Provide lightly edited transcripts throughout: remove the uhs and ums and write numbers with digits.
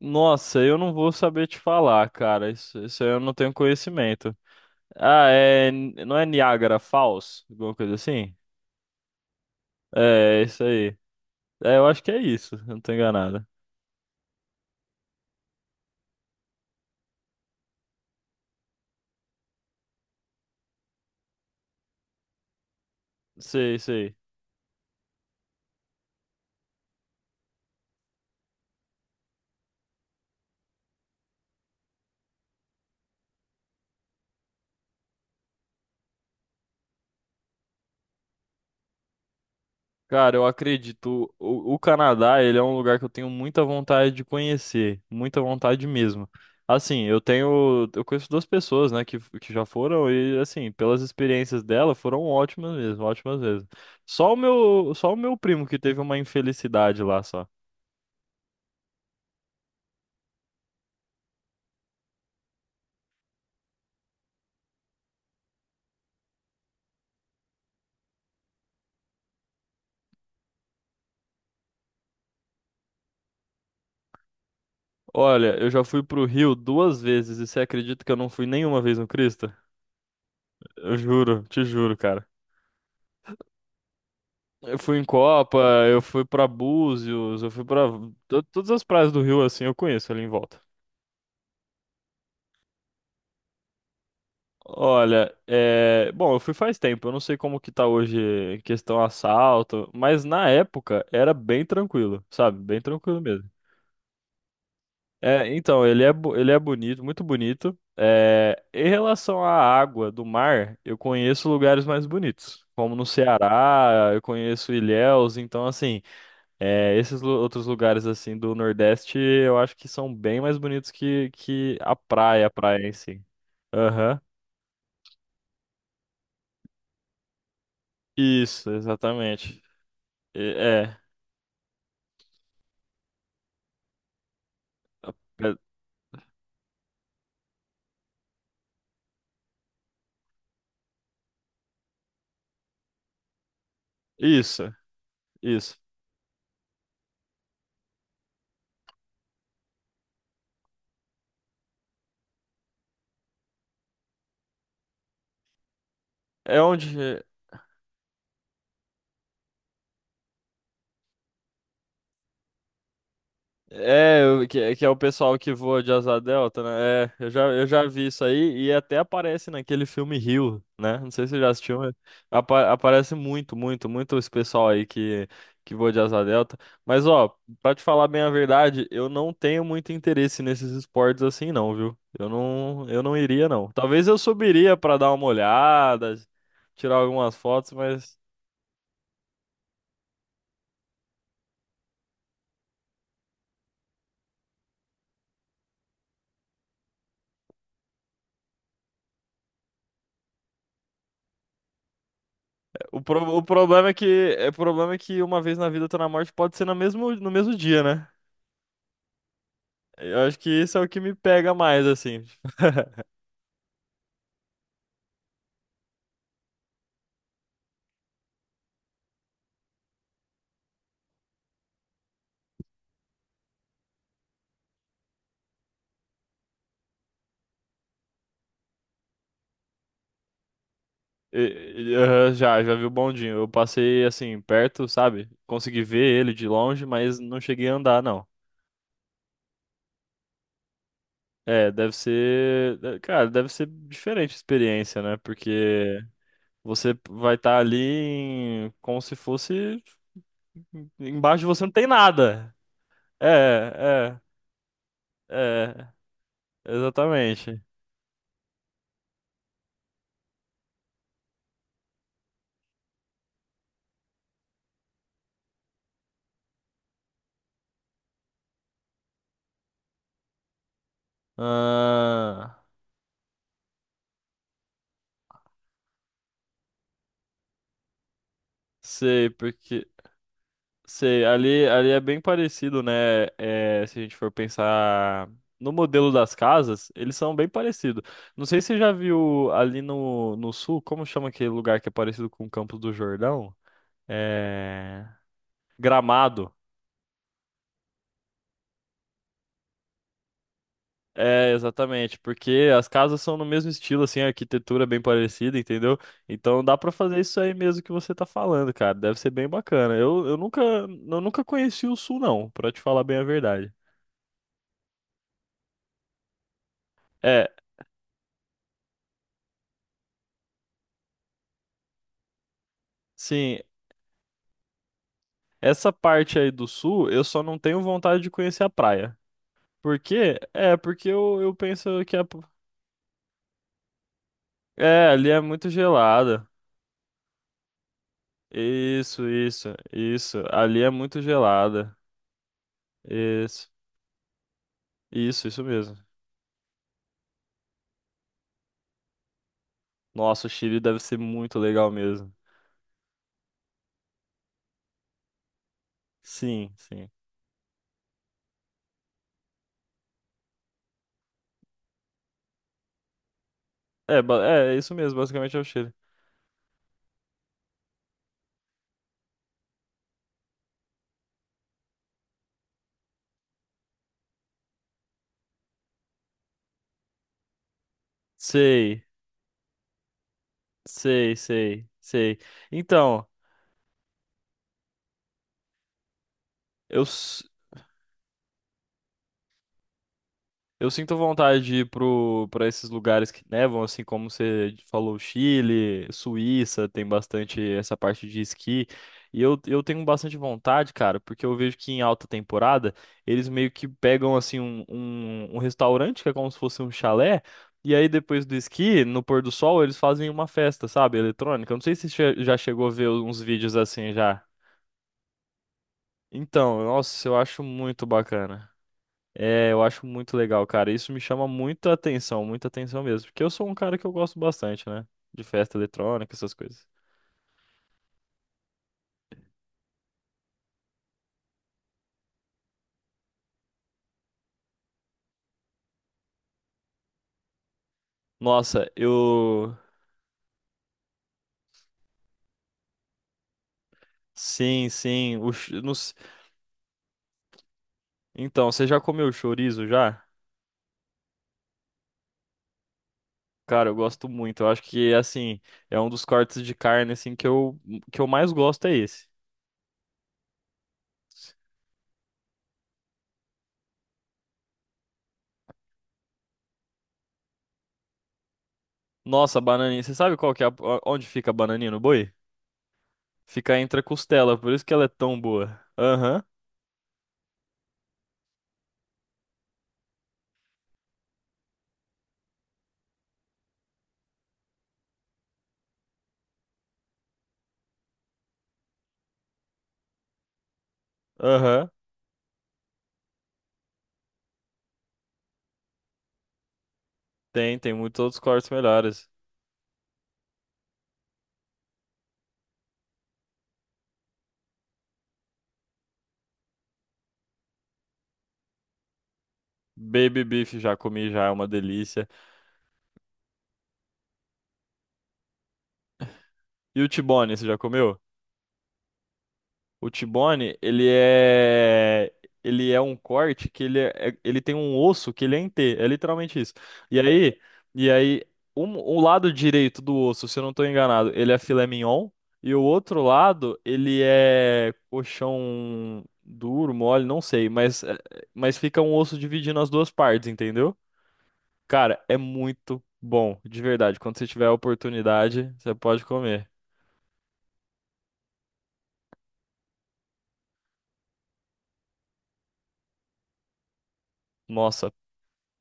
Nossa, eu não vou saber te falar, cara. Isso aí eu não tenho conhecimento. Ah, é. Não é Niagara Falls? Alguma coisa assim? É, é isso aí. É, eu acho que é isso, se eu não tô enganado. Sei, sei. Cara, eu acredito. O Canadá, ele é um lugar que eu tenho muita vontade de conhecer, muita vontade mesmo. Assim, eu conheço duas pessoas, né, que já foram e assim, pelas experiências dela, foram ótimas mesmo, ótimas mesmo. Só o meu primo que teve uma infelicidade lá só. Olha, eu já fui pro Rio duas vezes e você acredita que eu não fui nenhuma vez no Crista. Eu juro, te juro, cara. Eu fui em Copa, eu fui pra Búzios, eu fui pra todas as praias do Rio assim, eu conheço ali em volta. Olha, bom, eu fui faz tempo, eu não sei como que tá hoje em questão assalto, mas na época era bem tranquilo, sabe? Bem tranquilo mesmo. É, então, ele é bonito, muito bonito. É, em relação à água do mar, eu conheço lugares mais bonitos, como no Ceará, eu conheço Ilhéus, então assim, é, outros lugares assim do Nordeste eu acho que são bem mais bonitos que a praia em si. Aham. Isso, exatamente. É. é- Isso, isso. É onde. É, que é o pessoal que voa de asa delta, né? É, eu já vi isso aí e até aparece naquele filme Rio, né? Não sei se você já assistiu, mas aparece muito, muito, muito esse pessoal aí que voa de asa delta. Mas, ó, pra te falar bem a verdade, eu não tenho muito interesse nesses esportes assim, não, viu? Eu não iria, não. Talvez eu subiria pra dar uma olhada, tirar algumas fotos, mas o problema é que, é, o problema é que uma vez na vida, outra na morte pode ser no mesmo dia, né? Eu acho que isso é o que me pega mais, assim. Aham, já vi o bondinho. Eu passei, assim, perto, sabe? Consegui ver ele de longe, mas não cheguei a andar, não. É, deve ser. Cara, deve ser diferente a experiência, né? Porque você vai como se fosse. Embaixo de você não tem nada. É, é, é. Exatamente. Ah, sei, porque. Sei, ali é bem parecido, né? É, se a gente for pensar no modelo das casas, eles são bem parecidos. Não sei se você já viu ali no sul, como chama aquele lugar que é parecido com o Campos do Jordão? É... Gramado. É, exatamente, porque as casas são no mesmo estilo, assim, a arquitetura é bem parecida, entendeu? Então dá pra fazer isso aí mesmo que você tá falando, cara. Deve ser bem bacana. Eu nunca conheci o sul, não, pra te falar bem a verdade. É, sim, essa parte aí do sul, eu só não tenho vontade de conhecer a praia. Por quê? É, porque eu penso que a... É, ali é muito gelada. Isso, isso, isso. Ali é muito gelada. Isso, isso mesmo. Nossa, o Chile deve ser muito legal mesmo. Sim, sim. É, é, é isso mesmo, basicamente é o Chile. Sei, sei, sei, sei. Então, eu, Eu sinto vontade de ir pra esses lugares que nevam, assim como você falou, Chile, Suíça, tem bastante essa parte de esqui. E eu tenho bastante vontade, cara, porque eu vejo que em alta temporada eles meio que pegam assim um restaurante que é como se fosse um chalé, e aí depois do esqui, no pôr do sol, eles fazem uma festa, sabe, eletrônica. Eu não sei se você já chegou a ver uns vídeos assim já. Então, nossa, eu acho muito bacana. É, eu acho muito legal, cara. Isso me chama muita atenção mesmo. Porque eu sou um cara que eu gosto bastante, né? De festa eletrônica, essas coisas. Nossa, eu. Sim, sim. Não s- Então, você já comeu chorizo já? Cara, eu gosto muito. Eu acho que, assim, é um dos cortes de carne, assim, que eu mais gosto é esse. Nossa, a bananinha. Você sabe qual que é a... onde fica a bananinha no boi? Fica entre a costela, por isso que ela é tão boa. Aham, aham. Tem, tem muitos outros cortes melhores. Baby beef já comi, já é uma delícia. E o T-bone, você já comeu? O T-bone, ele é um corte ele tem um osso que ele é em T, é literalmente isso. E aí, e aí um... o lado direito do osso, se eu não tô enganado, ele é filé mignon e o outro lado, ele é coxão duro, mole, não sei, mas mas fica um osso dividindo as duas partes, entendeu? Cara, é muito bom, de verdade. Quando você tiver a oportunidade, você pode comer. Nossa,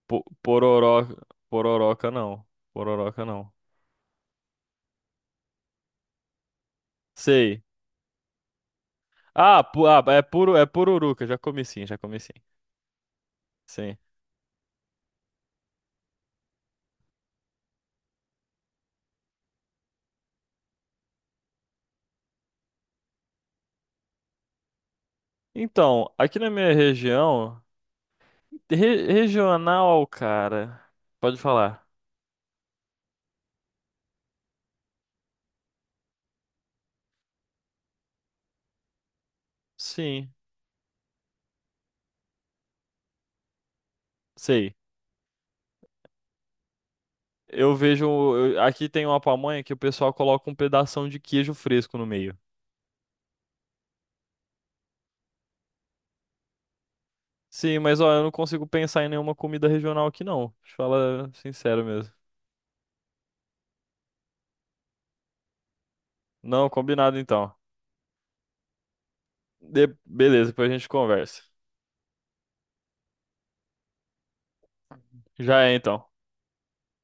pororó, pororoca não. Pororoca não. Sei. Ah, é puro, é pururuca. Já comi sim, já comi sim. Sim. Então, aqui na minha região, regional, cara. Pode falar. Sim, sei. Eu vejo, aqui tem uma pamonha que o pessoal coloca um pedação de queijo fresco no meio. Sim, mas ó, eu não consigo pensar em nenhuma comida regional aqui não. Te falar sincero mesmo. Não, combinado então. Beleza, depois a gente conversa. Já é então.